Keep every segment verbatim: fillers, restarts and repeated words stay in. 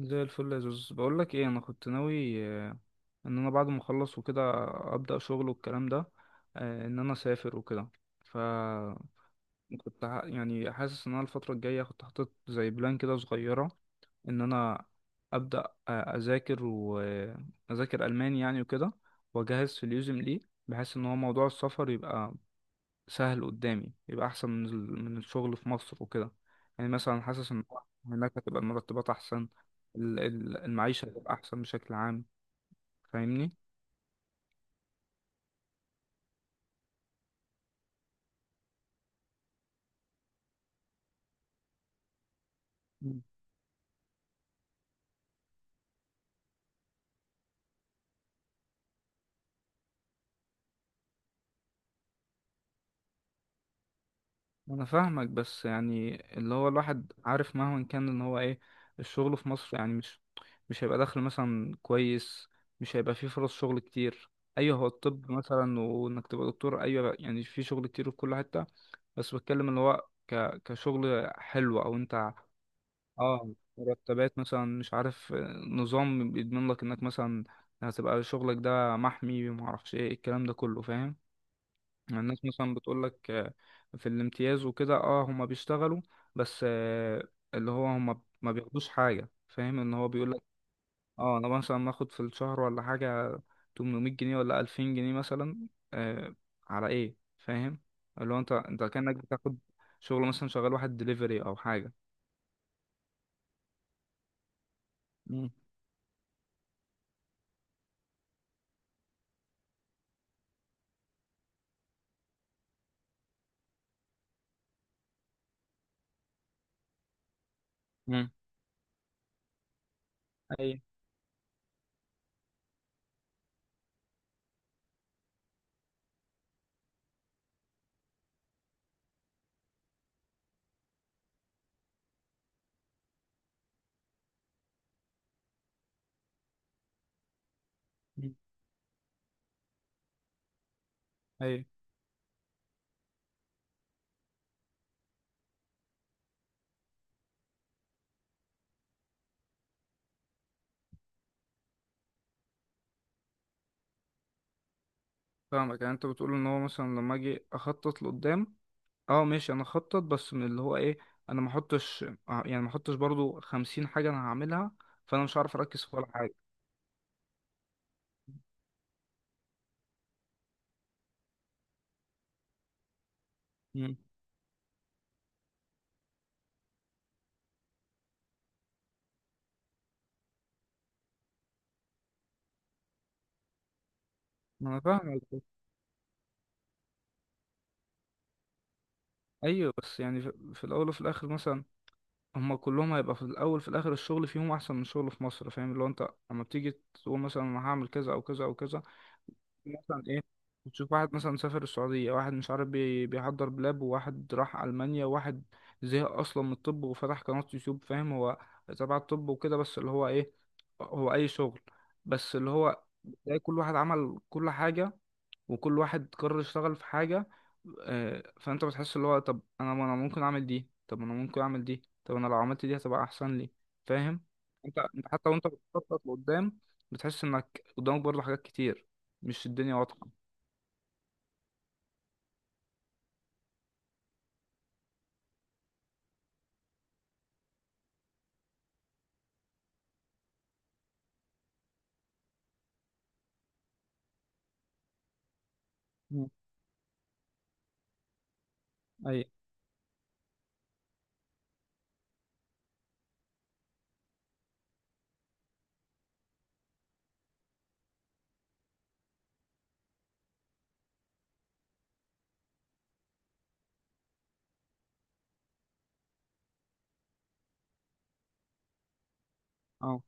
زي الفل يا زوز، بقول لك ايه، انا كنت ناوي آه، ان انا بعد ما اخلص وكده ابدا شغل والكلام ده. آه، ان انا اسافر وكده. ف كنت ح- يعني حاسس ان انا الفتره الجايه كنت حاطط زي بلان كده صغيره، ان انا ابدا، آه، اذاكر واذاكر الماني يعني وكده، واجهز في اليوزم ليه، بحيث ان هو موضوع السفر يبقى سهل قدامي، يبقى احسن من ال- من الشغل في مصر وكده. يعني مثلا حاسس ان هناك هتبقى المرتبات احسن، ال- ال- المعيشة هتبقى احسن بشكل عام. فاهمني؟ مم. انا فاهمك، بس يعني اللي هو الواحد عارف مهما كان ان هو ايه، الشغل في مصر يعني مش مش هيبقى دخل مثلا كويس، مش هيبقى فيه فرص شغل كتير. ايوه، هو الطب مثلا، وانك تبقى دكتور، ايوه يعني في شغل كتير في كل حتة، بس بتكلم اللي هو ك... كشغل حلو او انت. اه، مرتبات مثلا، مش عارف نظام بيضمن لك انك مثلا هتبقى شغلك ده محمي، وما اعرفش ايه الكلام ده كله، فاهم؟ يعني الناس مثلا بتقول لك آه، في الامتياز وكده، اه هما بيشتغلوا بس آه، اللي هو هما ما بياخدوش حاجة، فاهم ان هو بيقول لك اه انا مثلا باخد في الشهر ولا حاجة تمنمية جنيه ولا ألفي جنيه مثلا، آه، على ايه؟ فاهم؟ اللي هو انت انت كأنك بتاخد شغل، مثلا شغال واحد دليفري او حاجة. مم. مم. ايوه، ايوه، فاهمك. يعني انت بتقول ان هو مثلا لما اجي اخطط لقدام، اه ماشي انا اخطط بس من اللي هو ايه، انا ما احطش آه، يعني ما احطش برضو خمسين حاجة انا هعملها، فانا مش هعرف اركز في ولا حاجة. مم. ما انا فاهمك. ايوه بس يعني في في الاول وفي الاخر مثلا، هما كلهم هيبقى في الاول في الاخر الشغل فيهم احسن من شغل في مصر. فاهم؟ اللي هو انت لما بتيجي تقول مثلا انا هعمل كذا او كذا او كذا، مثلا ايه، بتشوف واحد مثلا سافر السعودية، واحد مش عارف بي- بيحضر بلاب، وواحد راح ألمانيا، وواحد زهق أصلا من الطب وفتح قناة يوتيوب. فاهم؟ هو تبع الطب وكده، بس اللي هو ايه، هو أي شغل، بس اللي هو تلاقي كل واحد عمل كل حاجة، وكل واحد قرر يشتغل في حاجة. آه، فأنت بتحس اللي هو، طب أنا أنا ممكن أعمل دي، طب أنا ممكن أعمل دي، طب أنا لو عملت دي هتبقى أحسن لي. فاهم؟ أنت أنت حتى وأنت بتخطط لقدام بتحس إنك قدامك برضه حاجات كتير، مش الدنيا واضحة. مم. اي. اه،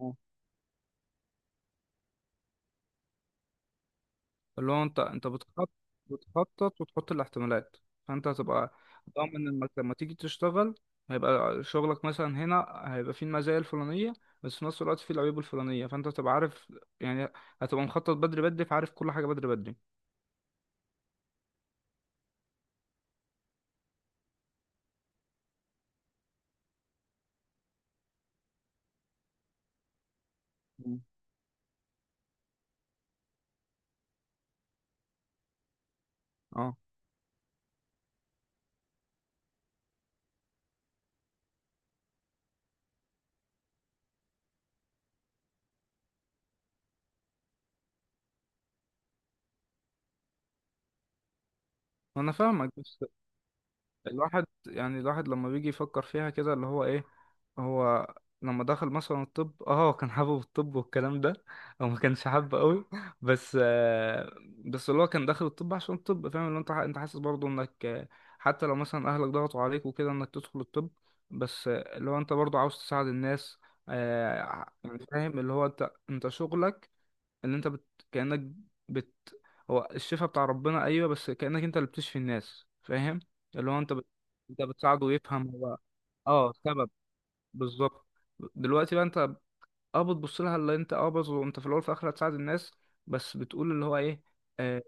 اه، اللي هو انت انت بتخطط بتخطط وتحط الاحتمالات، فانت هتبقى ضامن انك لما تيجي تشتغل هيبقى شغلك مثلا هنا، هيبقى فيه المزايا الفلانية، بس في نفس الوقت فيه العيوب الفلانية، فانت هتبقى عارف يعني، هتبقى مخطط بدري بدري، فعارف كل حاجة بدري بدري. مم. اه، انا فاهمك، بس الواحد يعني، الواحد لما بيجي يفكر فيها كده اللي هو ايه، هو لما دخل مثلا الطب، اه هو كان حابب الطب والكلام ده، او ما كانش حابه قوي، بس آه، بس اللي هو كان داخل الطب عشان الطب. فاهم؟ اللي انت ح- انت حاسس برضه انك آه، حتى لو مثلا اهلك ضغطوا عليك وكده انك تدخل الطب، بس آه، اللي هو انت برضه عاوز تساعد الناس. آه، يعني فاهم اللي هو انت انت شغلك، ان انت بت... كأنك بت هو الشفاء بتاع ربنا، ايوه، بس كأنك انت اللي بتشفي الناس. فاهم؟ اللي هو انت بت... انت بتساعده يفهم هو. اه، سبب، بالظبط. دلوقتي بقى انت اه بتبص لها، اللي انت اه بص، وانت في الاول في الاخر هتساعد الناس، بس بتقول اللي هو ايه، آه،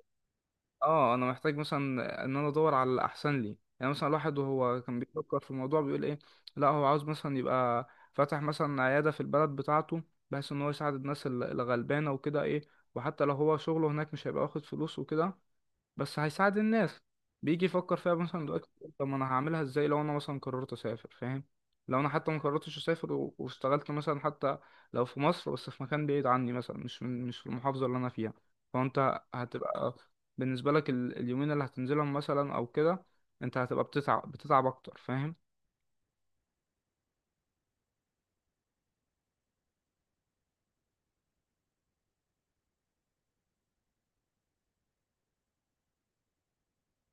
اه انا محتاج مثلا ان انا ادور على الاحسن لي. يعني مثلا الواحد وهو كان بيفكر في الموضوع بيقول ايه، لا هو عاوز مثلا يبقى فاتح مثلا عياده في البلد بتاعته، بحيث ان هو يساعد الناس ال- الغلبانه وكده ايه، وحتى لو هو شغله هناك مش هيبقى واخد فلوس وكده، بس هيساعد الناس. بيجي يفكر فيها مثلا دلوقتي، يقول طب ما انا هعملها ازاي لو انا مثلا قررت اسافر؟ فاهم؟ لو انا حتى ما قررتش اسافر و- واشتغلت مثلا حتى لو في مصر، بس في مكان بعيد عني مثلا، مش من مش في المحافظة اللي انا فيها، فانت هتبقى بالنسبة لك ال- اليومين اللي هتنزلهم مثلا او كده، انت هتبقى بتتعب بتتعب اكتر. فاهم؟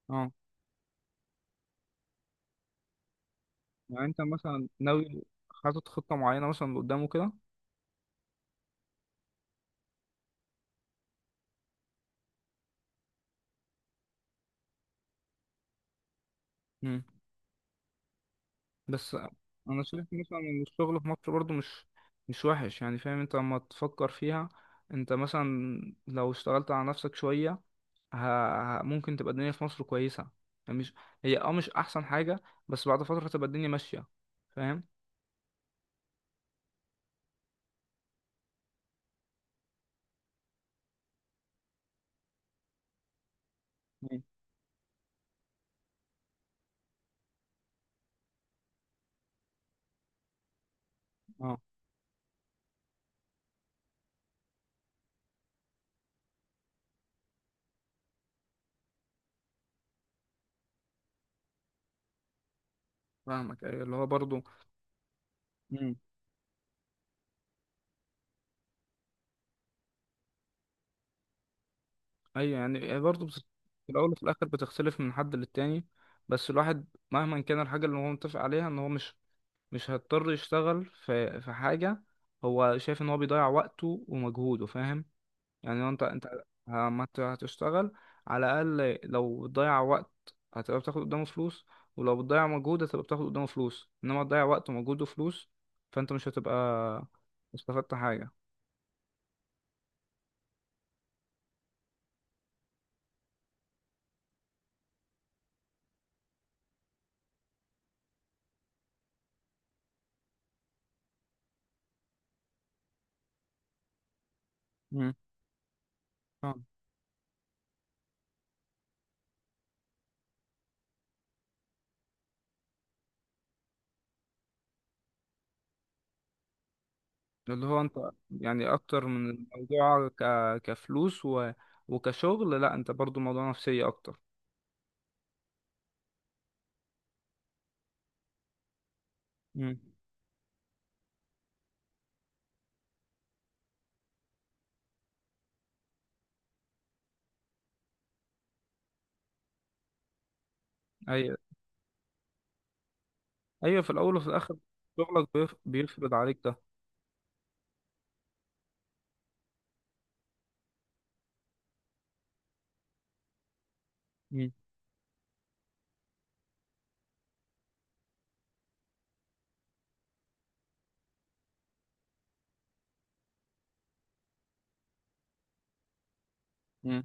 اه. يعني انت مثلا ناوي، حاطط خطة معينة مثلا قدامه كده، بس انا شايف مثلا ان الشغل في مصر برضو مش مش وحش يعني. فاهم انت لما تفكر فيها، انت مثلا لو اشتغلت على نفسك شوية، ه... ه- ممكن تبقى الدنيا في مصر كويسة، يعني مش، هي اه مش احسن حاجة، بس بعد فترة تبقى الدنيا ماشية. فاهم؟ مم. اه، فاهمك. ايوه اللي هو برضو. مم. ايوه يعني برضو، بس في الاول وفي الاخر بتختلف من حد للتاني، بس الواحد مهما كان الحاجة اللي هو متفق عليها ان هو مش مش هيضطر يشتغل في في حاجة هو شايف ان هو بيضيع وقته ومجهوده. فاهم؟ يعني لو انت انت لما هت- هتشتغل، على الأقل لو بتضيع وقت هتبقى بتاخد قدامه فلوس، ولو بتضيع مجهود هتبقى بتاخد قدامه فلوس، انما تضيع وقت ومجهود وفلوس، فانت مش هتبقى استفدت حاجة. مم. فاهم. اللي هو انت يعني اكتر من الموضوع ك... كفلوس و... وكشغل، لا، انت برضو موضوع نفسية اكتر. مم. ايوه، ايوه، في الاول وفي الاخر شغلك بيف- بيفرض عليك ده. مم. مم.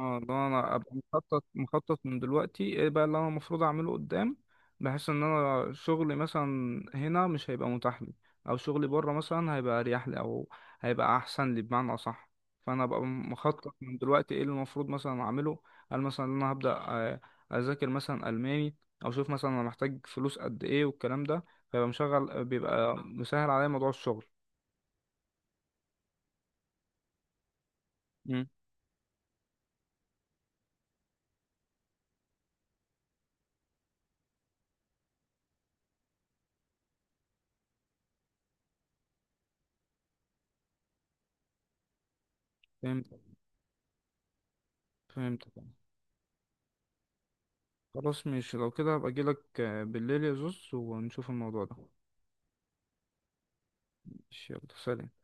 اه، لو انا ابقى مخطط مخطط من دلوقتي، ايه بقى اللي انا المفروض اعمله قدام، بحيث ان انا شغلي مثلا هنا مش هيبقى متاح لي، او شغلي بره مثلا هيبقى اريح لي، او هيبقى احسن لي بمعنى اصح، فانا ابقى مخطط من دلوقتي ايه اللي المفروض مثلا اعمله. هل مثلا إن انا هبدا آه، اذاكر مثلا الماني، او اشوف مثلا انا محتاج فلوس قد ايه والكلام ده؟ فيبقى مشغل بيبقى مسهل عليا موضوع الشغل. مم. فاهم. فهمت. خلاص ماشي، لو كده هبقى اجيلك آه، بالليل يا زوز، ونشوف الموضوع ده. ماشي، يلا سلام.